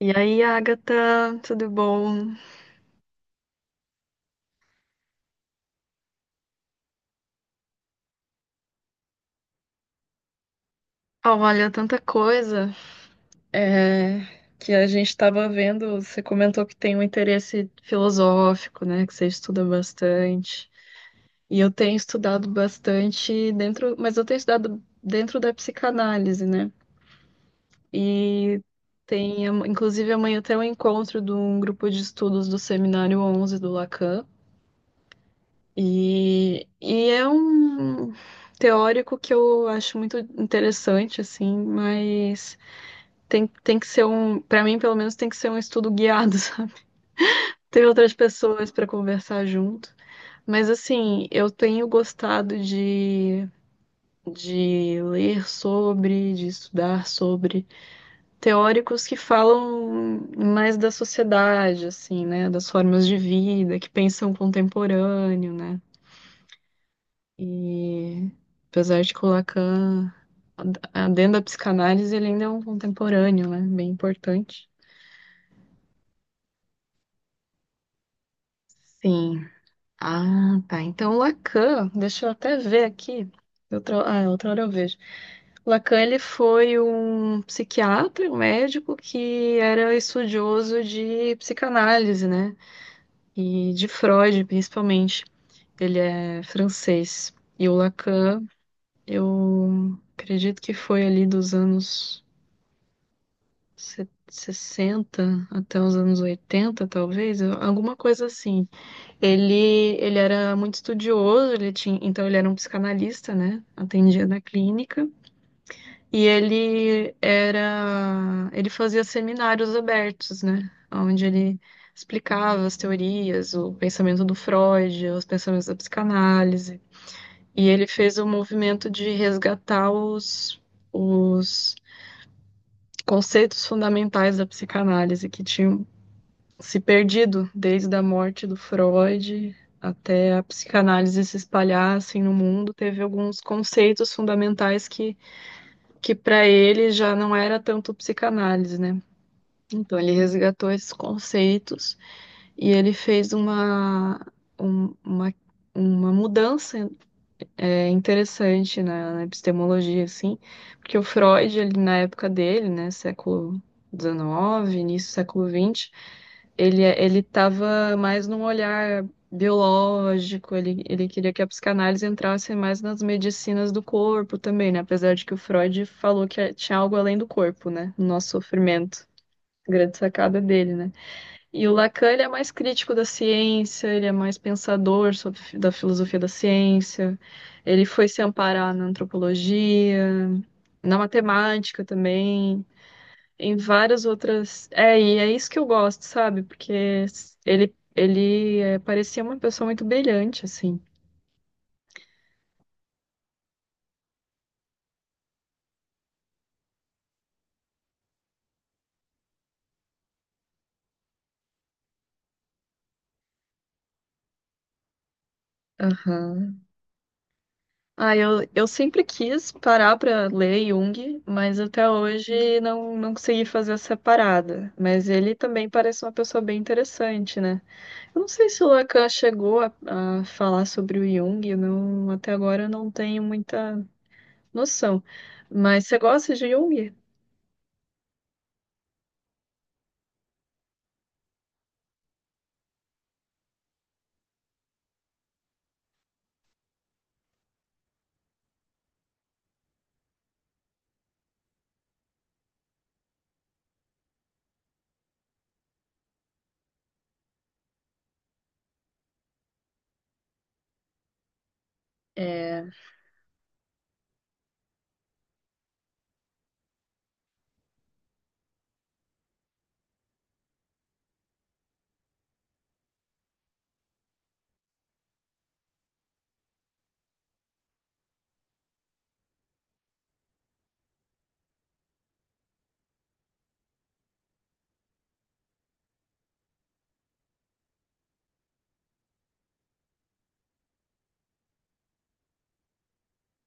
E aí, Agatha, tudo bom? Ah, olha, tanta coisa é, que a gente estava vendo. Você comentou que tem um interesse filosófico, né? Que você estuda bastante. E eu tenho estudado bastante dentro, mas eu tenho estudado dentro da psicanálise, né? E inclusive, amanhã tem um encontro de um grupo de estudos do Seminário 11 do Lacan. E é um teórico que eu acho muito interessante, assim, mas tem que ser um, para mim, pelo menos, tem que ser um estudo guiado, sabe? Ter outras pessoas para conversar junto. Mas, assim, eu tenho gostado de ler sobre, de estudar sobre teóricos que falam mais da sociedade, assim, né? Das formas de vida, que pensam contemporâneo, né? E apesar de que o Lacan, dentro da psicanálise, ele ainda é um contemporâneo, né? Bem importante. Sim. Ah, tá. Então, o Lacan, deixa eu até ver aqui. Outra hora eu vejo. O Lacan, ele foi um psiquiatra, um médico que era estudioso de psicanálise, né? E de Freud, principalmente. Ele é francês. E o Lacan, eu acredito que foi ali dos anos se- 60 até os anos 80 talvez, alguma coisa assim. Ele era muito estudioso, ele tinha, então ele era um psicanalista, né? Atendia na clínica. Ele fazia seminários abertos, né? Onde ele explicava as teorias, o pensamento do Freud, os pensamentos da psicanálise. E ele fez o movimento de resgatar os conceitos fundamentais da psicanálise que tinham se perdido, desde a morte do Freud até a psicanálise se espalhar assim, no mundo, teve alguns conceitos fundamentais que para ele já não era tanto psicanálise, né? Então ele resgatou esses conceitos e ele fez um- uma, uma mudança é interessante na epistemologia, assim, porque o Freud, ele, na época dele, né, século XIX, início do século XX, ele estava mais num olhar biológico, ele queria que a psicanálise entrasse mais nas medicinas do corpo também, né, apesar de que o Freud falou que tinha algo além do corpo, né, no nosso sofrimento. Grande sacada dele, né? E o Lacan, ele é mais crítico da ciência, ele é mais pensador sobre, da filosofia da ciência. Ele foi se amparar na antropologia, na matemática também, em várias outras. É, e é isso que eu gosto, sabe? Porque ele é, parecia uma pessoa muito brilhante, assim. Aham. Ah, eu sempre quis parar pra ler Jung, mas até hoje não consegui fazer essa parada. Mas ele também parece uma pessoa bem interessante, né? Eu não sei se o Lacan chegou a falar sobre o Jung, eu não, até agora eu não tenho muita noção. Mas você gosta de Jung? É.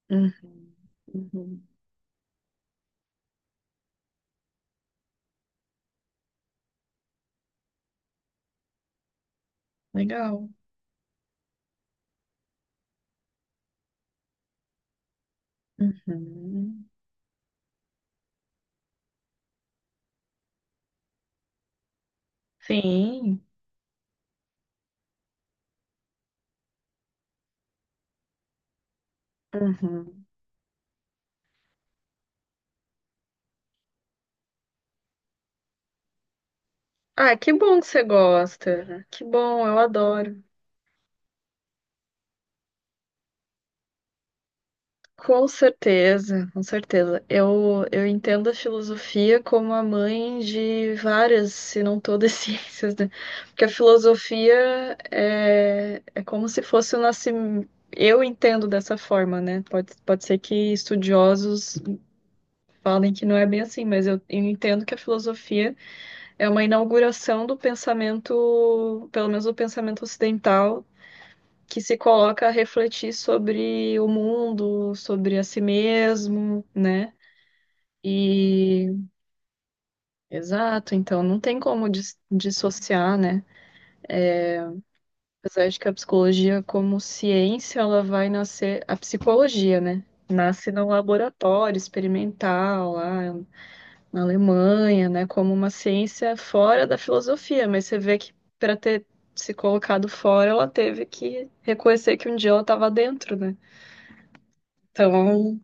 Uhum, uhum. Legal. Uhum. Sim. Uhum. Ah, que bom que você gosta. Que bom, eu adoro. Com certeza, com certeza. Eu entendo a filosofia como a mãe de várias, se não todas, ciências, né? Porque a filosofia é, é como se fosse o nascimento. Eu entendo dessa forma, né? Pode, pode ser que estudiosos falem que não é bem assim, mas eu entendo que a filosofia é uma inauguração do pensamento, pelo menos do pensamento ocidental que se coloca a refletir sobre o mundo, sobre a si mesmo, né? E exato, então não tem como dis- dissociar, né? Apesar de que a psicologia como ciência, ela vai nascer, a psicologia, né? Nasce num laboratório experimental lá na Alemanha, né? Como uma ciência fora da filosofia, mas você vê que para ter se colocado fora, ela teve que reconhecer que um dia ela estava dentro, né? Então,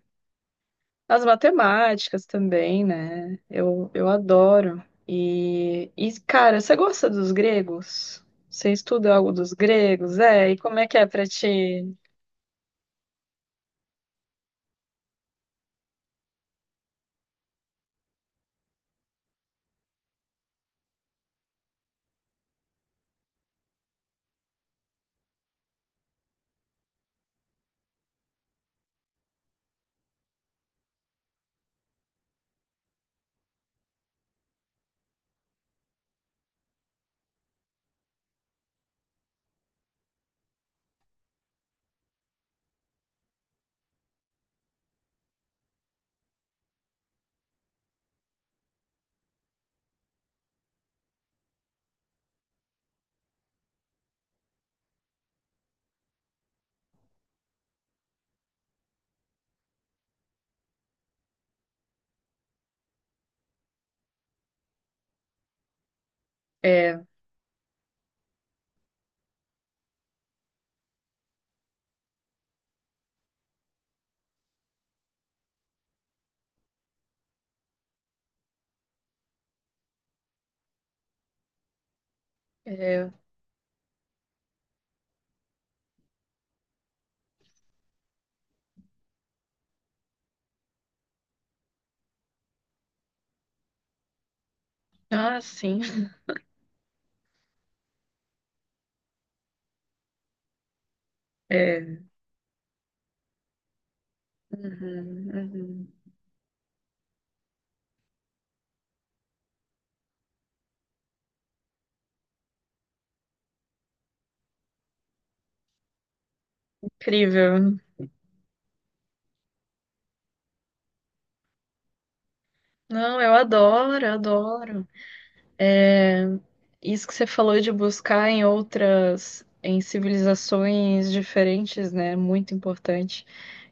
As matemáticas também, né? Eu adoro. E, cara, você gosta dos gregos? Você estuda algo dos gregos? É, e como é que é pra ti? É, é... Ah, sim. É. Uhum, uhum. Incrível. Não, eu adoro, eu adoro. Isso que você falou de buscar em outras, em civilizações diferentes, né? Muito importante.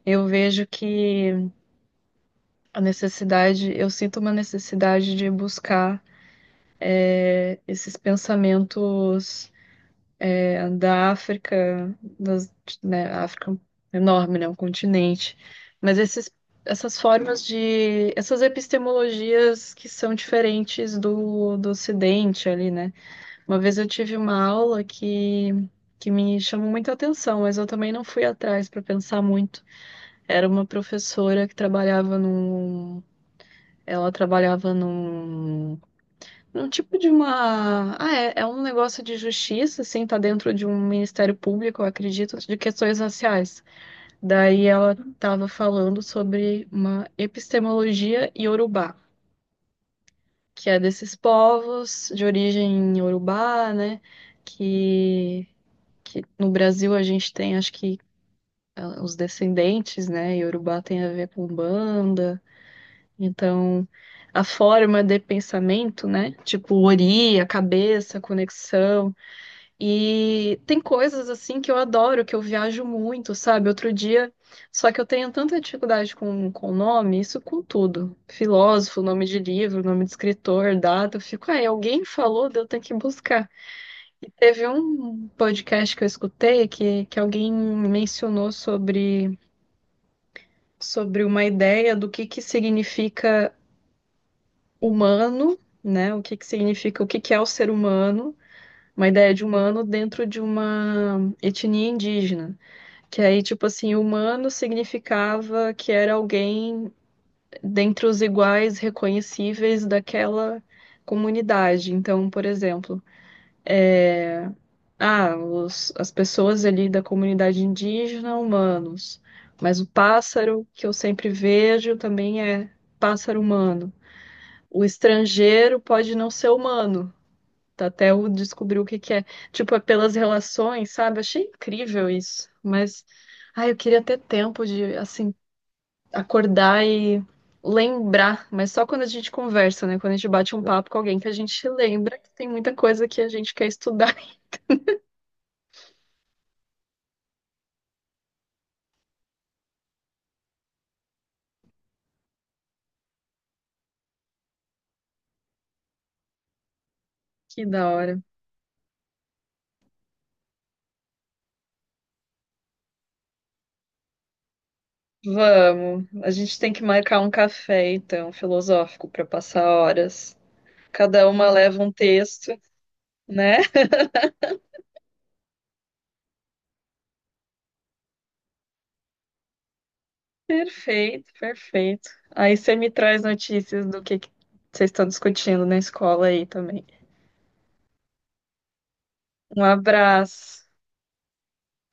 Eu vejo que a necessidade, eu sinto uma necessidade de buscar esses pensamentos da África, né, a África é enorme, né, um continente, mas essas formas de, essas epistemologias que são diferentes do, do Ocidente ali, né? Uma vez eu tive uma aula que me chamou muita atenção, mas eu também não fui atrás para pensar muito. Era uma professora que trabalhava num, ela trabalhava num um tipo de uma. Ah, é, é um negócio de justiça, assim, tá dentro de um ministério público, eu acredito, de questões raciais. Daí ela tava falando sobre uma epistemologia iorubá, que é desses povos de origem iorubá, né? Que, que no Brasil a gente tem, acho que, ah, os descendentes, né? Iorubá tem a ver com banda. Então, a forma de pensamento, né? Tipo, ori, a cabeça, a conexão. E tem coisas assim que eu adoro, que eu viajo muito, sabe? Outro dia, só que eu tenho tanta dificuldade com nome, isso com tudo. Filósofo, nome de livro, nome de escritor, data, eu fico, ah, alguém falou, daí eu tenho que buscar. E teve um podcast que eu escutei que alguém mencionou sobre uma ideia do que significa humano, né? O que que significa, o que que é o ser humano, uma ideia de humano dentro de uma etnia indígena. Que aí, tipo assim, humano significava que era alguém dentre os iguais reconhecíveis daquela comunidade. Então, por exemplo, é, as pessoas ali da comunidade indígena, humanos. Mas o pássaro que eu sempre vejo também é pássaro humano. O estrangeiro pode não ser humano, tá? Até eu descobrir o que que é. Tipo, é pelas relações, sabe? Achei incrível isso. Mas, ai, eu queria ter tempo de, assim, acordar e lembrar, mas só quando a gente conversa, né? Quando a gente bate um papo com alguém que a gente lembra que tem muita coisa que a gente quer estudar. Que da hora. Vamos, a gente tem que marcar um café, então, filosófico, para passar horas. Cada uma leva um texto, né? Perfeito, perfeito. Aí você me traz notícias do que vocês estão discutindo na escola aí também. Um abraço.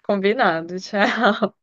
Combinado, tchau.